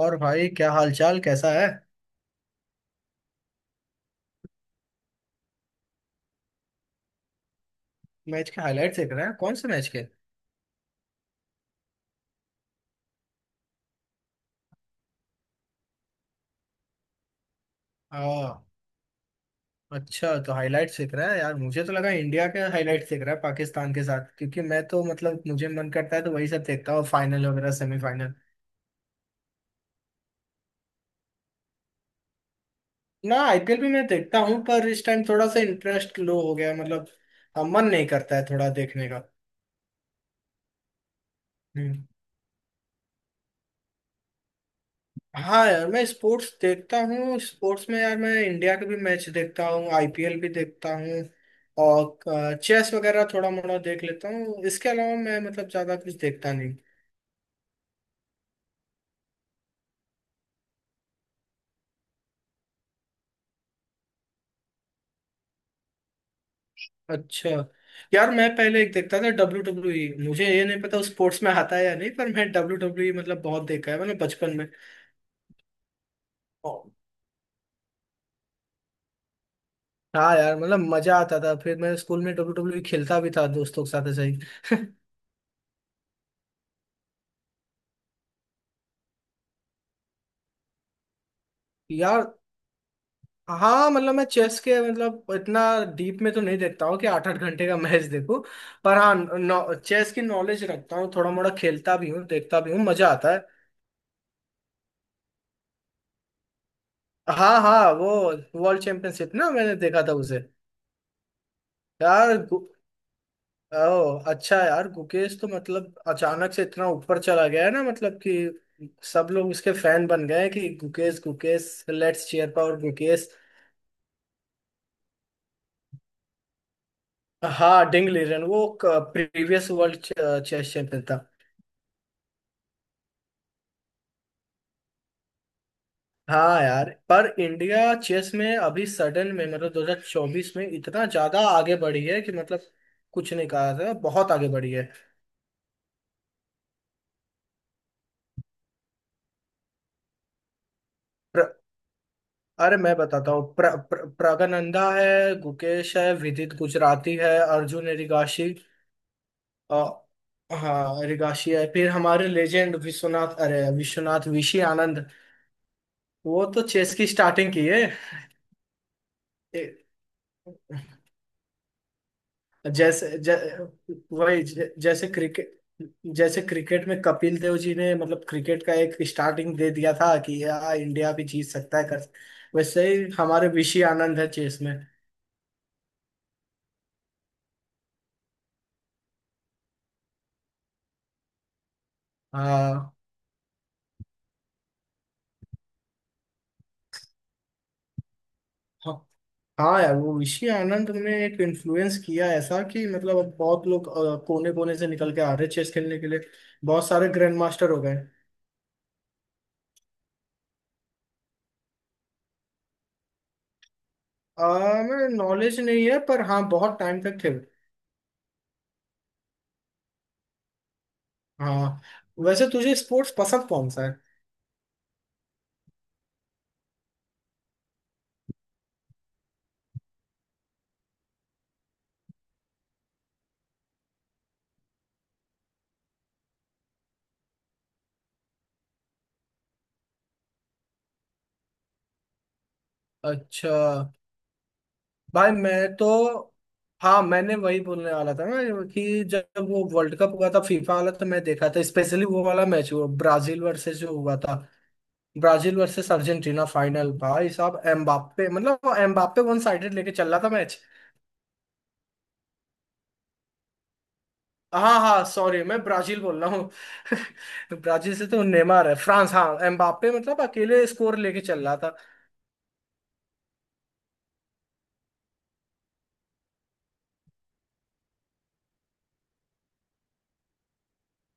और भाई, क्या हालचाल कैसा है। मैच के हाईलाइट देख रहे हैं? कौन से मैच के? हाँ। अच्छा, तो हाईलाइट देख रहा है यार। मुझे तो लगा इंडिया के हाईलाइट देख रहा है, पाकिस्तान के साथ। क्योंकि मैं तो मतलब मुझे मन करता है तो वही सब देखता हूँ, फाइनल वगैरह, सेमीफाइनल। ना, आईपीएल भी मैं देखता हूँ पर इस टाइम थोड़ा सा इंटरेस्ट लो हो गया है, मतलब मन नहीं करता है थोड़ा देखने का। हम्म। हाँ यार, मैं स्पोर्ट्स देखता हूँ। स्पोर्ट्स में यार मैं इंडिया के भी मैच देखता हूँ, आईपीएल भी देखता हूँ। और चेस वगैरह थोड़ा मोड़ा देख लेता हूँ। इसके अलावा मैं मतलब ज्यादा कुछ देखता नहीं। अच्छा। यार मैं पहले एक देखता था, WWE। मुझे ये नहीं पता स्पोर्ट्स में आता है या नहीं, पर मैं डब्ल्यू डब्ल्यू ई मतलब बहुत देखा है मैंने बचपन में। और- हाँ यार, मतलब मजा आता था। फिर मैं स्कूल में डब्ल्यू डब्ल्यू ई खेलता भी था दोस्तों के साथ ऐसे ही। यार। हाँ मतलब, मैं चेस के मतलब इतना डीप में तो नहीं देखता हूँ कि आठ आठ घंटे का मैच देखूं। पर हाँ, चेस की नॉलेज रखता हूँ, थोड़ा मोड़ा खेलता भी हूँ, देखता भी हूँ, मजा आता है। हाँ हाँ, वो वर्ल्ड चैंपियनशिप ना, मैंने देखा था उसे। यार ओ अच्छा, यार गुकेश तो मतलब अचानक से इतना ऊपर चला गया है ना, मतलब कि सब लोग उसके फैन बन गए हैं कि Gukesh Gukesh let's cheer for Gukesh. हाँ, डिंग लीरन वो प्रीवियस वर्ल्ड चेस चैंपियन था। हाँ यार, पर इंडिया चेस में अभी सडन में मतलब 2024 में इतना ज्यादा आगे बढ़ी है कि मतलब कुछ नहीं कहा था, बहुत आगे बढ़ी है। प्र, अरे मैं बताता हूँ, प्र, प्र, प्रगनंदा है, गुकेश है, विदित गुजराती है, अर्जुन है, रिगाशी। अ, हाँ रिगाशी है, फिर हमारे लेजेंड विश्वनाथ, अरे विश्वनाथ ऋषि आनंद। वो तो चेस की स्टार्टिंग की है। ए- जैसे ज, जैसे क्रिकेट, जैसे क्रिकेट में कपिल देव जी ने मतलब क्रिकेट का एक स्टार्टिंग दे दिया था कि यार इंडिया भी जीत सकता है कर। वैसे ही हमारे ऋषि आनंद है चेस में। हाँ हाँ हाँ। यार वो ऋषि आनंद ने एक इन्फ्लुएंस किया ऐसा कि मतलब अब बहुत लोग कोने कोने से निकल के आ रहे चेस खेलने के लिए। बहुत सारे ग्रैंड मास्टर हो गए। आ, मैं नॉलेज नहीं है पर हाँ बहुत टाइम तक थे। हाँ, वैसे तुझे स्पोर्ट्स पसंद कौन सा है? अच्छा। भाई मैं तो, हाँ, मैंने वही बोलने वाला था ना कि जब वो वर्ल्ड कप हुआ था, फीफा वाला, तो मैं देखा था। स्पेशली वो वाला मैच हुआ, ब्राजील वर्सेस जो हुआ था, ब्राजील वर्सेस अर्जेंटीना फाइनल। भाई साहब, एम्बाप्पे मतलब वो एम्बाप्पे वन साइडेड लेके चल रहा था मैच। हाँ हाँ, सॉरी मैं ब्राजील बोल रहा हूँ। ब्राजील से तो नेमार है, फ्रांस, हाँ एम्बाप्पे मतलब अकेले स्कोर लेके चल रहा था।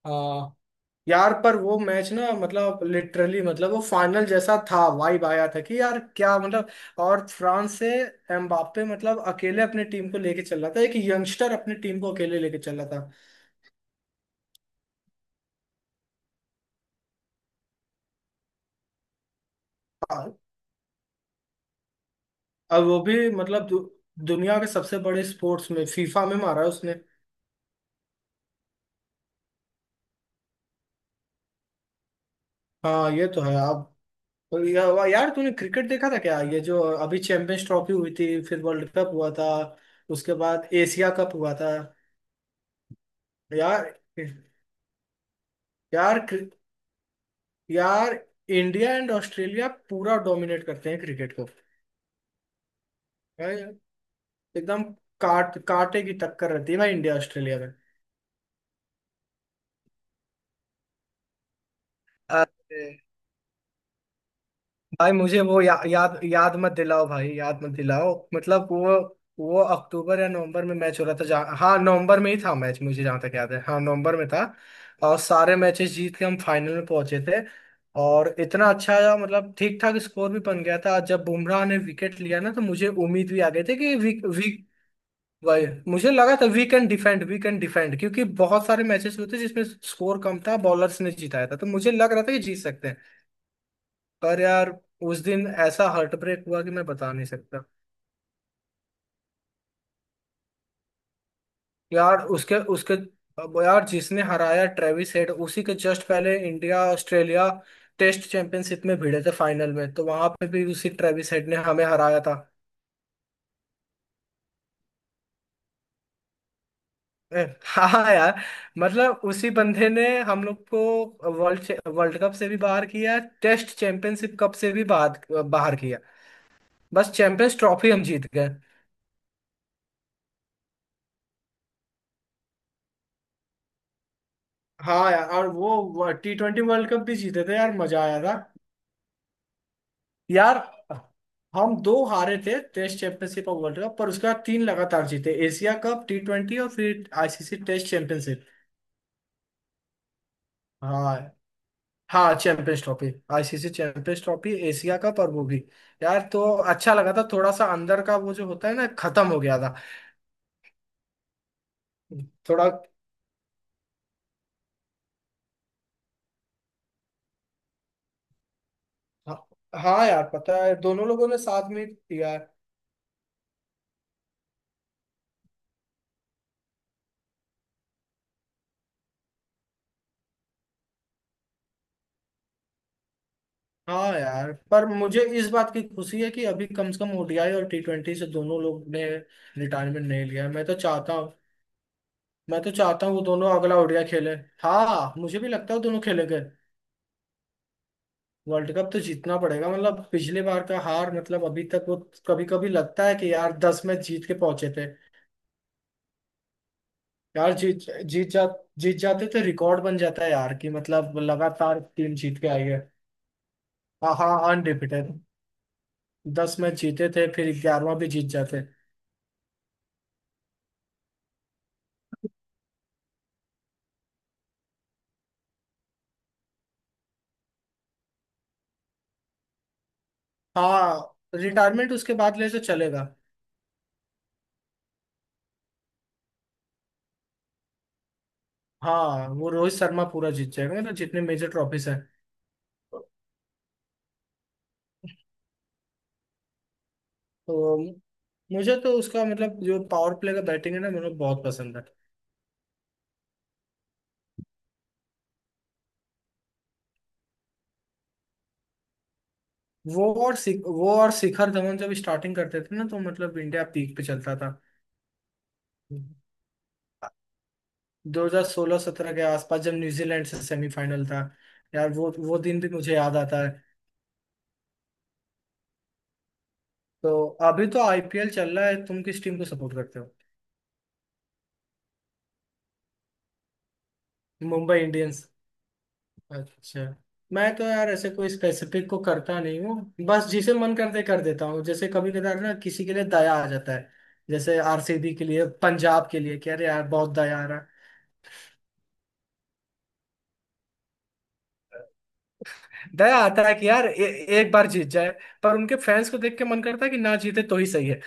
हाँ यार, पर वो मैच ना मतलब लिटरली, मतलब वो फाइनल जैसा था, वाइब आया था कि यार क्या मतलब। और फ्रांस से एम्बाप्पे मतलब अकेले अपने टीम को लेके चल रहा था, एक यंगस्टर अपनी टीम को अकेले लेके चल रहा था। हाँ, अब वो भी मतलब दुनिया के सबसे बड़े स्पोर्ट्स में फीफा में मारा है उसने। हाँ ये तो है आप। यार तूने क्रिकेट देखा था क्या, ये जो अभी चैंपियंस ट्रॉफी हुई थी, फिर वर्ल्ड कप हुआ था, उसके बाद एशिया कप हुआ था? यार, यार, यार, इंडिया एंड ऑस्ट्रेलिया पूरा डोमिनेट करते हैं क्रिकेट को। भाई एकदम! काट कांटे की टक्कर रहती है भाई, इंडिया ऑस्ट्रेलिया में। अरे भाई, मुझे वो याद याद मत दिलाओ भाई, याद मत दिलाओ, मतलब वो अक्टूबर या नवंबर में मैच हो रहा था जहाँ, हाँ नवंबर में ही था मैच, मुझे जहाँ तक याद है, हाँ नवंबर में था। और सारे मैचेस जीत के हम फाइनल में पहुंचे थे। और इतना अच्छा मतलब ठीक ठाक स्कोर भी बन गया था, जब बुमराह ने विकेट लिया ना, तो मुझे उम्मीद भी आ गई थी कि वी, वी, वही मुझे लगा था, we can defend, we can defend, क्योंकि बहुत सारे मैचेस होते जिसमें स्कोर कम था, बॉलर्स ने जिताया था, तो मुझे लग रहा था कि जीत सकते हैं। पर यार, उस दिन ऐसा हार्ट ब्रेक हुआ कि मैं बता नहीं सकता। यार उसके उसके अब यार, जिसने हराया ट्रेविस हेड, उसी के जस्ट पहले इंडिया ऑस्ट्रेलिया टेस्ट चैंपियनशिप में भिड़े थे फाइनल में, तो वहां पे भी उसी ट्रेविस हेड ने हमें हराया था। हाँ यार, मतलब उसी बंदे ने हम लोग को वर्ल्ड वर्ल्ड कप से भी बाहर किया, टेस्ट चैंपियनशिप कप से भी बाहर बाहर किया। बस चैंपियंस ट्रॉफी हम जीत गए। हाँ यार, और वो टी ट्वेंटी वर्ल्ड कप भी जीते थे यार, मजा आया था। यार, हम दो हारे थे टेस्ट चैंपियनशिप और वर्ल्ड कप, पर उसके बाद तीन लगातार जीते, एशिया कप, टी ट्वेंटी और फिर आईसीसी टेस्ट चैंपियनशिप। हाँ हाँ, champions trophy. ICC champions trophy, Asia cup और वो भी। यार तो अच्छा लगा था, थोड़ा सा अंदर का वो जो होता है ना, खत्म हो गया था। थोड़ा। हाँ यार, पता है दोनों लोगों ने साथ में दिया है। हाँ यार, पर मुझे इस बात की खुशी है कि अभी कम से कम ओडीआई और टी ट्वेंटी से दोनों लोग ने रिटायरमेंट नहीं लिया है। मैं तो चाहता हूँ वो दोनों अगला ओडीआई खेले। हाँ, मुझे भी लगता है वो दोनों खेलेंगे। वर्ल्ड कप तो जीतना पड़ेगा, मतलब पिछले बार का हार, मतलब अभी तक वो कभी कभी लगता है कि यार 10 मैच जीत के पहुंचे थे। यार, जीत, जीत जा, जीत जाते तो रिकॉर्ड बन जाता है यार कि मतलब लगातार टीम जीत के आई है। हाँ हाँ, अनरिपीटेड। 10 मैच जीते थे, फिर 11वां भी जीत जाते। हाँ रिटायरमेंट उसके बाद ले तो चलेगा। हाँ वो रोहित शर्मा पूरा जीत जाएगा, मतलब जितने मेजर ट्रॉफीज हैं। तो मुझे तो उसका मतलब जो पावर प्ले का बैटिंग है ना मुझे बहुत पसंद है। वो और शिखर धवन जब स्टार्टिंग करते थे ना, तो मतलब इंडिया पीक पे चलता था। 2016-17 के आसपास जब न्यूजीलैंड से सेमीफाइनल था, यार वो दिन भी मुझे याद आता है। तो अभी तो आईपीएल चल रहा है, तुम किस टीम को सपोर्ट करते हो? मुंबई इंडियंस। अच्छा। मैं तो यार ऐसे कोई स्पेसिफिक को करता नहीं हूँ, बस जिसे मन करते कर देता हूँ, जैसे कभी कदार ना किसी के लिए दया आ जाता है, जैसे आरसीबी के लिए, पंजाब के लिए कह रहे यार, बहुत दया आ रहा है। दया आता है कि यार एक बार जीत जाए, पर उनके फैंस को देख के मन करता है कि ना जीते तो ही सही है।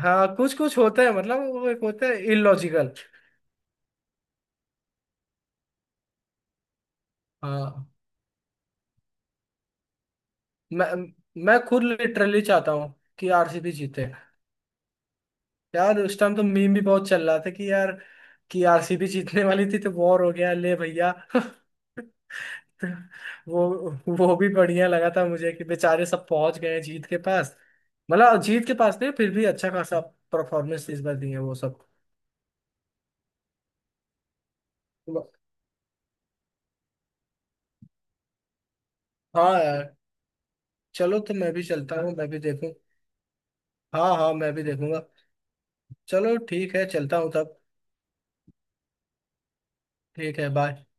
हाँ कुछ कुछ होता है मतलब, वो एक होता है इलॉजिकल। हाँ मैं मैं खुद लिटरली चाहता हूँ कि आरसीबी जीते। यार उस टाइम तो मीम भी बहुत चल रहा था कि यार, कि आरसीबी जीतने वाली थी तो वॉर हो गया ले भैया। वो वो भी बढ़िया लगा था मुझे कि बेचारे सब पहुंच गए हैं जीत के पास। मतलब जीत के पास नहीं, फिर भी अच्छा खासा परफॉर्मेंस इस बार दिए वो सब। हाँ यार। चलो, तो मैं भी चलता हूँ, मैं भी देखूँ। हाँ हाँ मैं भी देखूंगा। चलो ठीक है, चलता हूँ तब। ठीक है बाय।